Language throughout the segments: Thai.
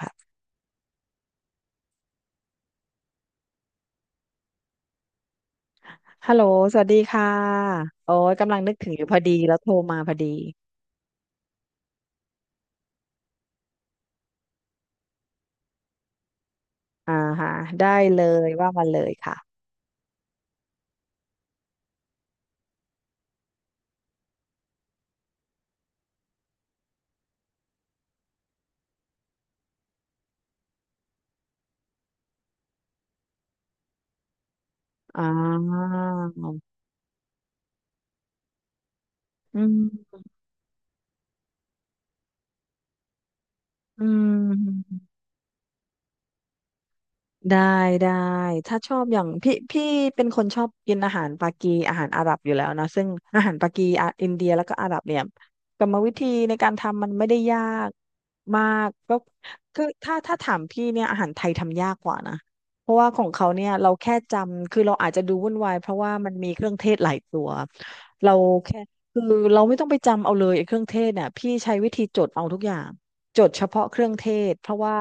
ค่ะฮัลโหลสวัสดีค่ะโอ้ยกำลังนึกถึงอยู่พอดีแล้วโทรมาพอดีอ่าฮะได้เลยว่ามาเลยค่ะอ่าอืมอืม ได้ได้ถ้าชอบอย่างพี่เป็นคนชอบกินอาหารปากีอาหารอาหรับอยู่แล้วนะซึ่งอาหารปากีอะอินเดียแล้วก็อาหรับเนี่ยกรรมวิธีในการทำมันไม่ได้ยากมากก็คือถ้าถามพี่เนี่ยอาหารไทยทำยากกว่านะเพราะว่าของเขาเนี่ยเราแค่จำคือเราอาจจะดูวุ่นวายเพราะว่ามันมีเครื่องเทศหลายตัวเราแค่คือเราไม่ต้องไปจำเอาเลยไอ้เครื่องเทศเนี่ยพี่ใช้วิธีจดเอาทุกอย่างจดเฉพาะเครื่องเทศเพราะว่า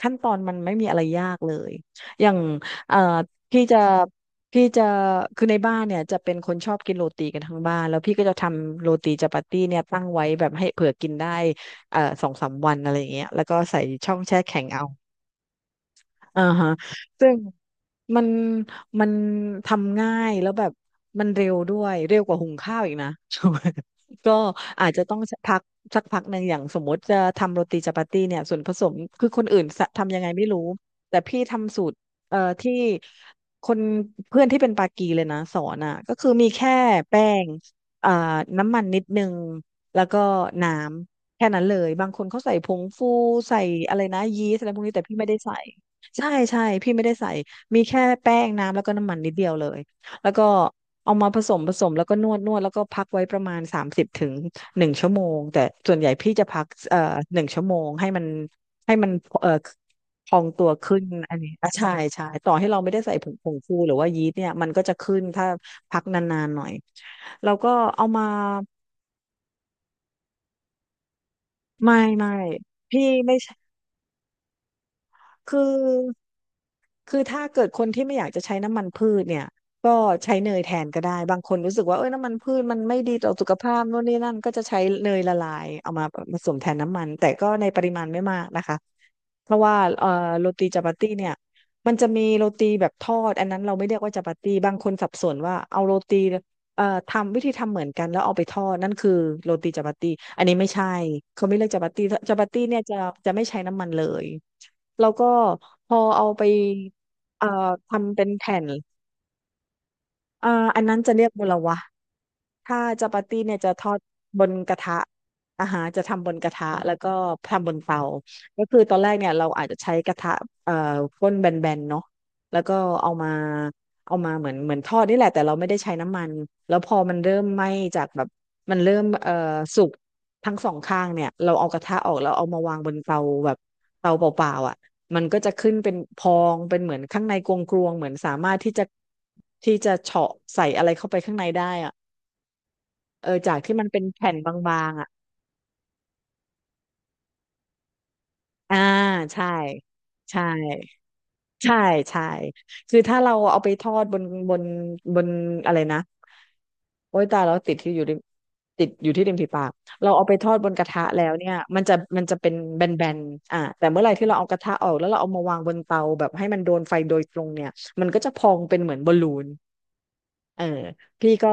ขั้นตอนมันไม่มีอะไรยากเลย อย่างเอ่อพี่จะพี่จะคือในบ้านเนี่ยจะเป็นคนชอบกินโรตีกันทั้งบ้าน แล้วพี่ก็จะทำโรตีจาปาตี้เนี่ยตั้งไว้แบบให้เผื่อกินได้สองสามวันอะไรอย่างเงี้ยแล้วก็ใส่ช่องแช่แข็งเอา อ่าฮะซึ่งมันมันทำง่ายแล้วแบบมันเร็วด้วยเร็วกว่าหุงข้าวอีกนะ ก็อาจจะต้องสักพักหนึ่งอย่างสมมติจะทำโรตีจัปาตี้เนี่ยส่วนผสมคือคนอื่นสะทำยังไงไม่รู้แต่พี่ทำสูตรที่คนเพื่อนที่เป็นปากีเลยนะสอนอ่ะก็คือมีแค่แป้งอ่าน้ำมันนิดนึงแล้วก็น้ำแค่นั้นเลยบางคนเขาใส่ผงฟูใส่อะไรนะยีสต์อะไรพวกนี้แต่พี่ไม่ได้ใส่ ใช่ใช่พี่ไม่ได้ใส่มีแค่แป้งน้ำแล้วก็น้ำมันนิดเดียวเลยแล้วก็เอามาผสมผสมแล้วก็นวดนวดแล้วก็พักไว้ประมาณ30ถึงหนึ่งชั่วโมงแต่ส่วนใหญ่พี่จะพักหนึ่งชั่วโมงให้มันเอ่อพองตัวขึ้นอันนี้อ่ะใช่ใช่ต่อให้เราไม่ได้ใส่ผงฟูหรือว่ายีสต์เนี่ยมันก็จะขึ้นถ้าพักนานๆหน่อยแล้วก็เอามาไม่ไม่พี่ไม่ คือคือถ้าเกิดคนที่ไม่อยากจะใช้น้ำมันพืชเนี่ยก็ใช้เนยแทนก็ได้ บางคนรู้สึกว่าเอ้ยน้ำมันพืชมันไม่ดีต่อสุขภาพโน่นนี่นั่นก็จะใช้เนยละลายเอามาผสมแทนน้ำมันแต่ก็ในปริมาณไม่มากนะคะเพราะว่าโรตีจัปาตี้เนี่ยมันจะมีโรตีแบบทอดอันนั้นเราไม่เรียกว่าจัปาตี้บางคนสับสนว่าเอาโรตีทำวิธีทำเหมือนกันแล้วเอาไปทอดนั่นคือโรตีจัปาตี้อันนี้ไม่ใช่เขาไม่เรียกจัปาตี้จัปาตี้เนี่ยจะไม่ใช้น้ำมันเลย แล้วก็พอเอาไปเอ่อทำเป็นแผ่นอ่าอันนั้นจะเรียกมลวะ ถ้าจาปาตี้เนี่ยจะทอดบนกระทะอาหารจะทำบนกระทะแล้วก็ทำบนเตาก็คือตอนแรกเนี่ยเราอาจจะใช้กระทะเอ่อก้นแบนๆเนาะแล้วก็เอามาเอามาเหมือนทอดนี่แหละแต่เราไม่ได้ใช้น้ำมันแล้วพอมันเริ่มไหม้จากแบบมันเริ่มสุกทั้งสองข้างเนี่ยเราเอากระทะออกแล้วเอามาวางบนเตาแบบเตาเปล่าๆอ่ะมันก็จะขึ้นเป็นพองเป็นเหมือนข้างในกลวงๆเหมือนสามารถที่จะเฉาะใส่อะไรเข้าไปข้างในได้อะ เออจากที่มันเป็นแผ่นบางๆอ่ะอ่าใช่ใช่ใช่ใช่คือถ้าเราเอาไปทอดบนบนอะไรนะโอ้ยตายแล้วติดที่อยู่ริมติดอยู่ที่ริมฝีปากเราเอาไปทอดบนกระทะแล้วเนี่ยมันจะเป็นแบนๆอ่าแต่เมื่อไหร่ที่เราเอากระทะออกแล้วเราเอามาวางบนเตาแบบให้มันโดนไฟโดยตรงเนี่ยมันก็จะพองเป็นเหมือนบอลลูนเออพี่ก็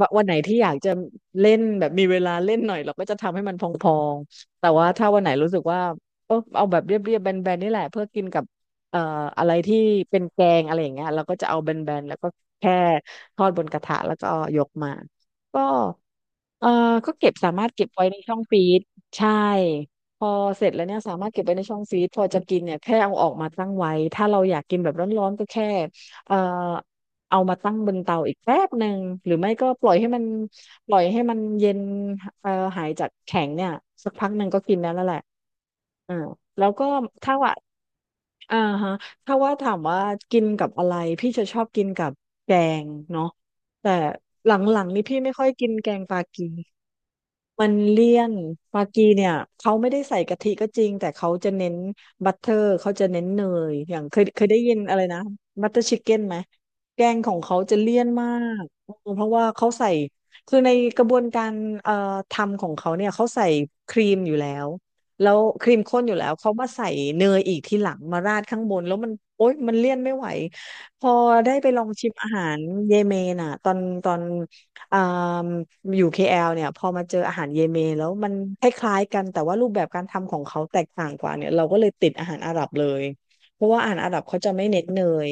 วะวันไหนที่อยากจะเล่น พองๆแต่ว่าถ้าวันไหนรู้สึกว่าเออเอาแบบเรียบๆแบนๆนี่แหละเพื่อกินกับเอ่ออะไรที่เป็นแกงอะไรอย่างเงี้ยเราก็จะเอาแบนๆแล้วก็แค่ทอดบนกระทะแล้วก็ยกมาก็ เอ่อก็เก็บสามารถเก็บไว้ในช่องฟรีซใช่พอเสร็จแล้วเนี่ยสามารถเก็บไว้ในช่องฟรีซพอจะกินเนี่ยแค่เอาออกมาตั้งไว้ ถ้าเราอยากกินแบบร้อนๆก็แค่เอ่อเอามาตั้งบนเตาอีกแป๊บหนึ่งหรือไม่ก็ปล่อยให้มันเย็นเอ่อหายจากแข็งเนี่ยสักพักหนึ่งก็กินได้แล้วแหละอ่าแล้วก็ถ้าว่าอ่าฮะถ้าว่าถามว่ากินกับอะไรพี่จะชอบกินกับแกงเนาะแต่หลังๆนี่พี่ไม่ค่อยกินแกงปลากี มันเลี่ยนมากีเนี่ยเขาไม่ได้ใส่กะทิก็จริงแต่เขาจะเน้นบัตเตอร์เขาจะเน้นเนยอย่างเคยได้ยินอะไรนะบัตเตอร์ชิคเก้นไหมแกงของเขาจะเลี่ยนมากเออเพราะว่าเขาใส่คือในกระบวนการเอ่อทำของเขาเนี่ยเขาใส่ครีมอยู่แล้วแล้วครีมข้นอยู่แล้วเขามาใส่เนยอีกทีหลังมาราดข้างบนแล้วมันโอ๊ยมันเลี่ยนไม่ไหวพอได้ไปลองชิมอาหารเยเมนอ่ะตอน อ่ามอยู่เคแอลเนี่ยพอมาเจออาหารเยเมนแล้วมันคล้ายๆกันแต่ว่ารูปแบบการทำของเขาแตกต่างกว่าเนี่ยเราก็เลยติดอาหารอาหรับเลยเพราะว่าอาหารอาหรับเขาจะไม่เน้นเนย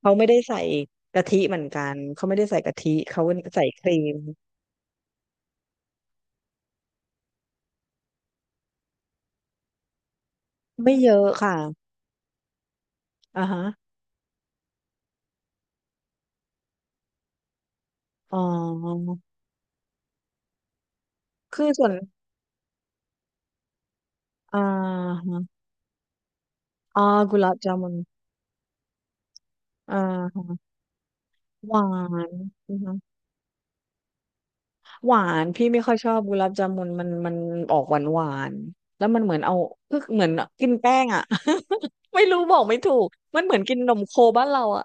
เขาไม่ได้ใส่กะทิเหมือนกันเขาไม่ได้ใส่กะทิเขาใส่ครีมไม่เยอะค่ะอ่าฮะอ๋อคือส่วนอ่าฮะอ๋อกุหลาบจามุนอ่าหวาน หวานพี่ไม่ค่อยชอบกุหลาบจามุนมันมันออกหวานหวานแล้วมันเหมือนเอาคือเหมือนกินแป้งอ่ะ ไม่รู้บอกไม่ถูกมันเหมือนกินนมโคบ้านเราอ่ะ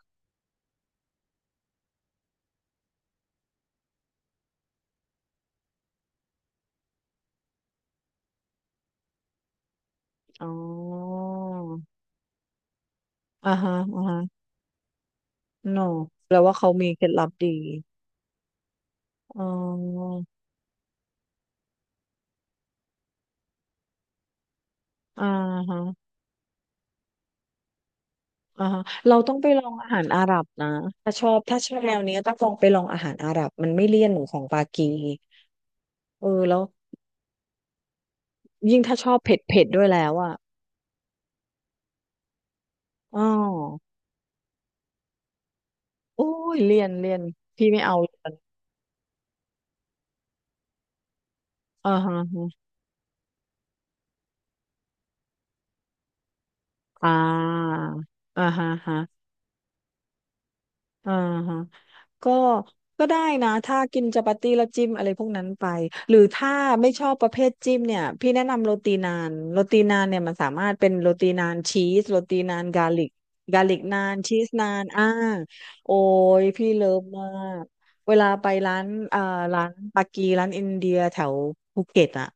อ๋ออ่าฮะอ่าฮะ no แปลว่าเขามีเคล็ดลับดีอ๋ออ่าฮะอ่าฮะเราต้องไปลองอาหารอาหรับนะถ้าชอบแนวนี้ต้องลองไปลองอาหารอาหรับมันไม่เลี่ยนเหมือนของปากีเออแล้วยิ่งถ้าชอบเผ็ดเผ็ดด้วยแล้วอ่ะอ๋อ โอ้ยเรียนพี่ไม่เอาเรียนอ่าฮะฮะอ่าอ่าฮะฮะอ่าฮะ ก็ก็ได้นะ ถ้ากินจัปาตี้แล้วจิ้มอะไรพวกนั้นไป หรือถ้าไม่ชอบประเภทจิ้มเนี่ย พี่แนะนำโรตีนานเนี่ยมันสามารถเป็นโรตีนานชีสโรตีนานกาลิกกาลิกนานชีสนานอ่าโอ้ยพี่เลิฟมาก เวลาไปร้านอ่าร้านปากีร้านอินเดียแถวภูเก็ตอะ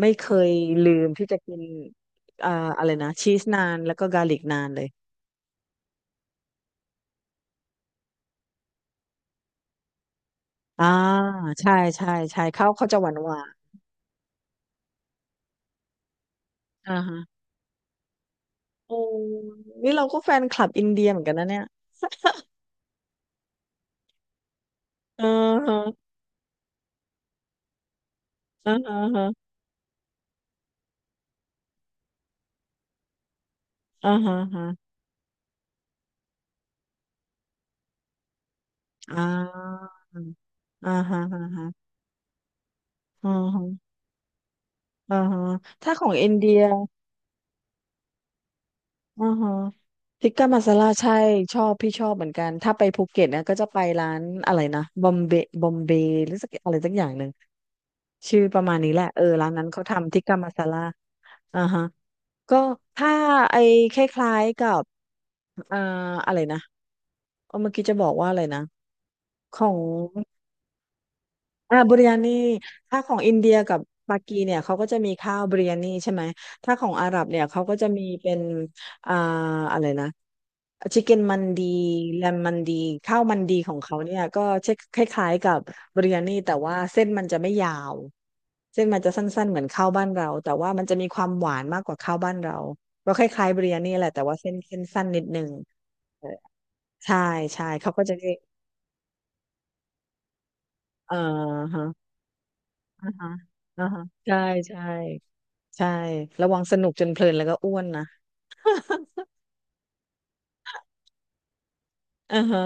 ไม่เคยลืมที่จะกินอ่าอะไรนะชีสนานแล้วก็กาลิกนานเลยอ่าใช่ใช่ใช่เขาจะหวานหวานอ่าฮะ โอ้นี่เราก็แฟนคลับอินเดียเหมือนกันนะเนี่ยอ่าฮะอ่าฮะอ่าฮะอ่าฮะอ่าอ่าฮะอ่าฮะอ่าฮะอ่าฮะถ้าของอินเดียอ่าฮะทิกกามาซาลาใช่ชอบพี่ชอบเหมือนกัน ถ้าไปภูเก็ตนะก็จะไปร้านอะไรนะบอมเบย์บอมเบย์หรือสักอะไรสักอย่างหนึ่งชื่อประมาณนี้แหละเออร้านนั้นเขาทำทิกกามาซาลาอ่าฮะ ก็ถ้าไอ้คล้ายๆกับอ่าอะไรนะเออเมื่อกี้จะบอกว่าอะไรนะของ อ่าบิริยานีถ้าของอินเดียกับปากีเนี่ยเขาก็จะมีข้าวบิริยานีใช่ไหมถ้าของอาหรับเนี่ยเขาก็จะมีเป็นอ่าอะไรนะชิคเก้นมันดีแลมมันดีข้าวมันดีของเขาเนี่ยก็เช่นคล้ายๆกับบิริยานีแต่ว่าเส้นมันจะไม่ยาวเส้นมันจะสั้นๆเหมือนข้าวบ้านเราแต่ว่ามันจะมีความหวานมากกว่าข้าวบ้านเราก็คล้ายๆบิริยานีแหละแต่ว่าเส้นสั้นนิดนึงเออใช่ใช่เขาก็จะเรียกเอ่อฮะอ่าฮะอ่าฮะใช่ใช่ ใช่ระวังสนุกจนเพลินแล้วก็อ้วนนะ อือฮะ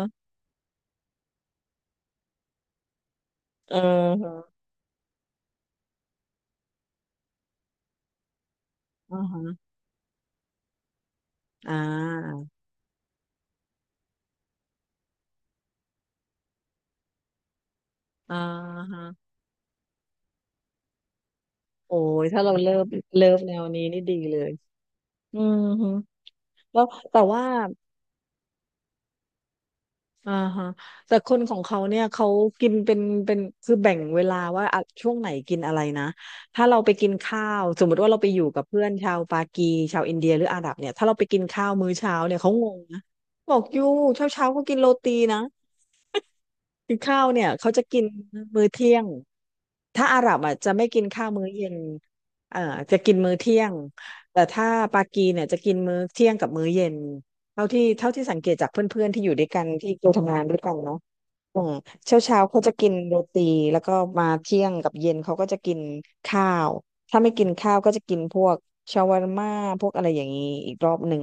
เออฮะอือฮะอ่าอ่าฮะโอ้ยถ้าเราเลิฟแนวนี้นี่ดีเลยอืมฮึแล้วแต่ว่าอ่าฮะแต่คนของเขาเนี่ยเขากินเป็นคือแบ่งเวลาว่าอ่ะช่วงไหนกินอะไรนะถ้าเราไปกินข้าวสมมติว่าเราไปอยู่กับเพื่อนชาวปากีชาวอินเดียหรืออาหรับเนี่ยถ้าเราไปกินข้าวมื้อเช้าเนี่ยเขางงนะบอกอยู่เช้าเช้าก็กินโรตีนะ กินข้าวเนี่ยเขาจะกินมื้อเที่ยง ถ้าอาหรับอ่ะจะไม่กินข้าวมื้อเย็นเอ่อจะกินมื้อเที่ยงแต่ถ้าปากีเนี่ยจะกินมื้อเที่ยงกับมื้อเย็นเท่าที่สังเกตจากเพื่อนๆที่อยู่ด้วยกันที่เคยทำงานด้วยกันเนาะ อืมเช้าเช้าเขาจะกินโรตีแล้วก็มาเที่ยงกับเย็นเขาก็จะกินข้าวถ้าไม่กินข้าวก็จะกินพวกชาวาร์ม่าพวกอะไรอย่างนี้อีกรอบหนึ่ง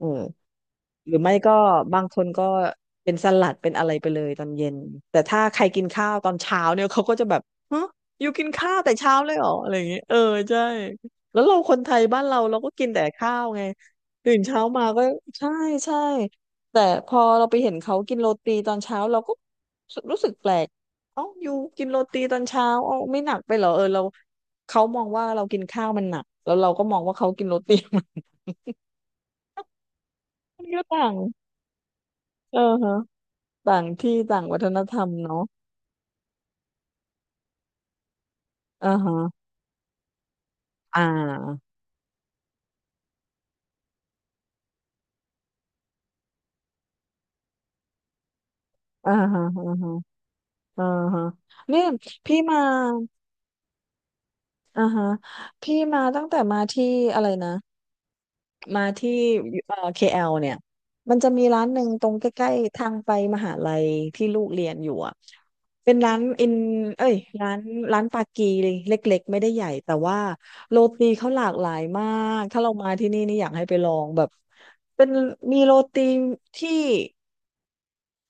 อืมหรือไม่ก็บางคนก็เป็นสลัดเป็นอะไรไปเลยตอนเย็นแต่ถ้าใครกินข้าวตอนเช้าเนี่ยเขาก็จะแบบฮะอยู่กินข้าวแต่เช้าเลยเหรออะไรอย่างเงี้ยเออใช่แล้วเราคนไทยบ้านเราเราก็กินแต่ข้าวไงตื่นเช้ามาก็ใช่ใช่ แต่พอเราไปเห็นเขากินโรตีตอนเช้าเราก็รู้สึกแปลกเอ้าอยู่กินโรตีตอนเช้าเอ้าไม่หนักไปเหรอเออเราเขามองว่าเรากินข้าวมันหนักแล้วเราก็มองว่าเขากินโรตี มันก็ต่างเออฮะต่างที่ต่างวัฒนธรรมเนาะอ่าฮะอ่าอ่าฮะอ่าฮะอ่าฮะเนี่ยพี่มาอ่าฮะพี่มาตั้งแต่มาที่อะไรนะ มาที่KL เนี่ยมันจะมีร้านหนึ่งตรงใกล้ๆทางไปมหาลัยที่ลูกเรียนอยู่อ่ะเป็นร้านอินเอ้ยร้านปากีเลยเล็กๆไม่ได้ใหญ่แต่ว่าโรตีเขาหลากหลายมากถ้าเรามาที่นี่นี่อยากให้ไปลองแบบเป็นมีโรตีที่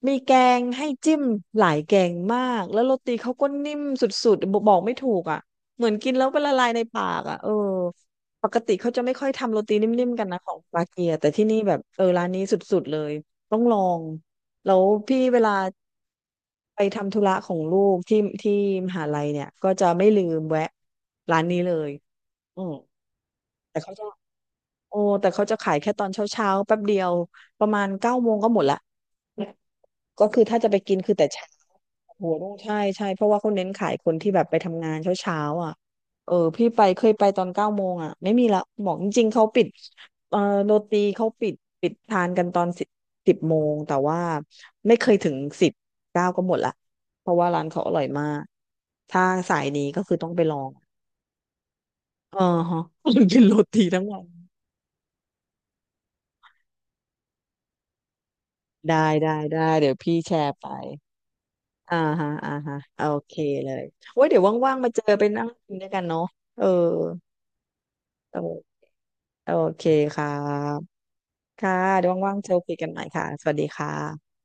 มีแกงให้จิ้มหลายแกงมากแล้วโรตีเขาก็นิ่มสุดๆบอกไม่ถูกอ่ะเหมือนกินแล้วเป็นละลายในปากอ่ะเออปกติเขาจะไม่ค่อยทำโรตีนิ่มๆกันนะของปาเกียแต่ที่นี่แบบเออร้านนี้สุดๆเลยต้องลองแล้วพี่เวลาไปทำธุระของลูกที่มหาลัยเนี่ยก็จะไม่ลืมแวะร้านนี้เลยอืมแต่เขาจะโอ้แต่เขาจะขายแค่ตอนเช้าๆแป๊บเดียวประมาณเก้าโมงก็หมดละก็คือถ้าจะไปกินคือแต่เช้า โหใช่ใช่เพราะว่าเขาเน้นขายคนที่แบบไปทำงานเช้าเช้าอ่ะเออพี่ไปเคยไปตอนเก้าโมงอ่ะไม่มีละบอกจริงๆเขาปิดเออโรตีเขาปิดปิดทานกันตอนสิบโมงแต่ว่าไม่เคยถึงสิบเก้าก็หมดละเพราะว่าร้านเขาอร่อยมากถ้าสายนี้ก็คือต้องไปลองเออฮะ กินโรตีทั้งวันได้ได้ได้เดี๋ยวพี่แชร์ไปอ่าฮะอ่าฮะโอเคเลยโอ้ยเดี๋ยวว่างๆมาเจอไปนั่งกินด้วยกันเนาะเออเออ โอเคครับค่ะเดี๋ยวว่างๆเจอคุยกันใหม่ค่ะ สวัสดีค่ะ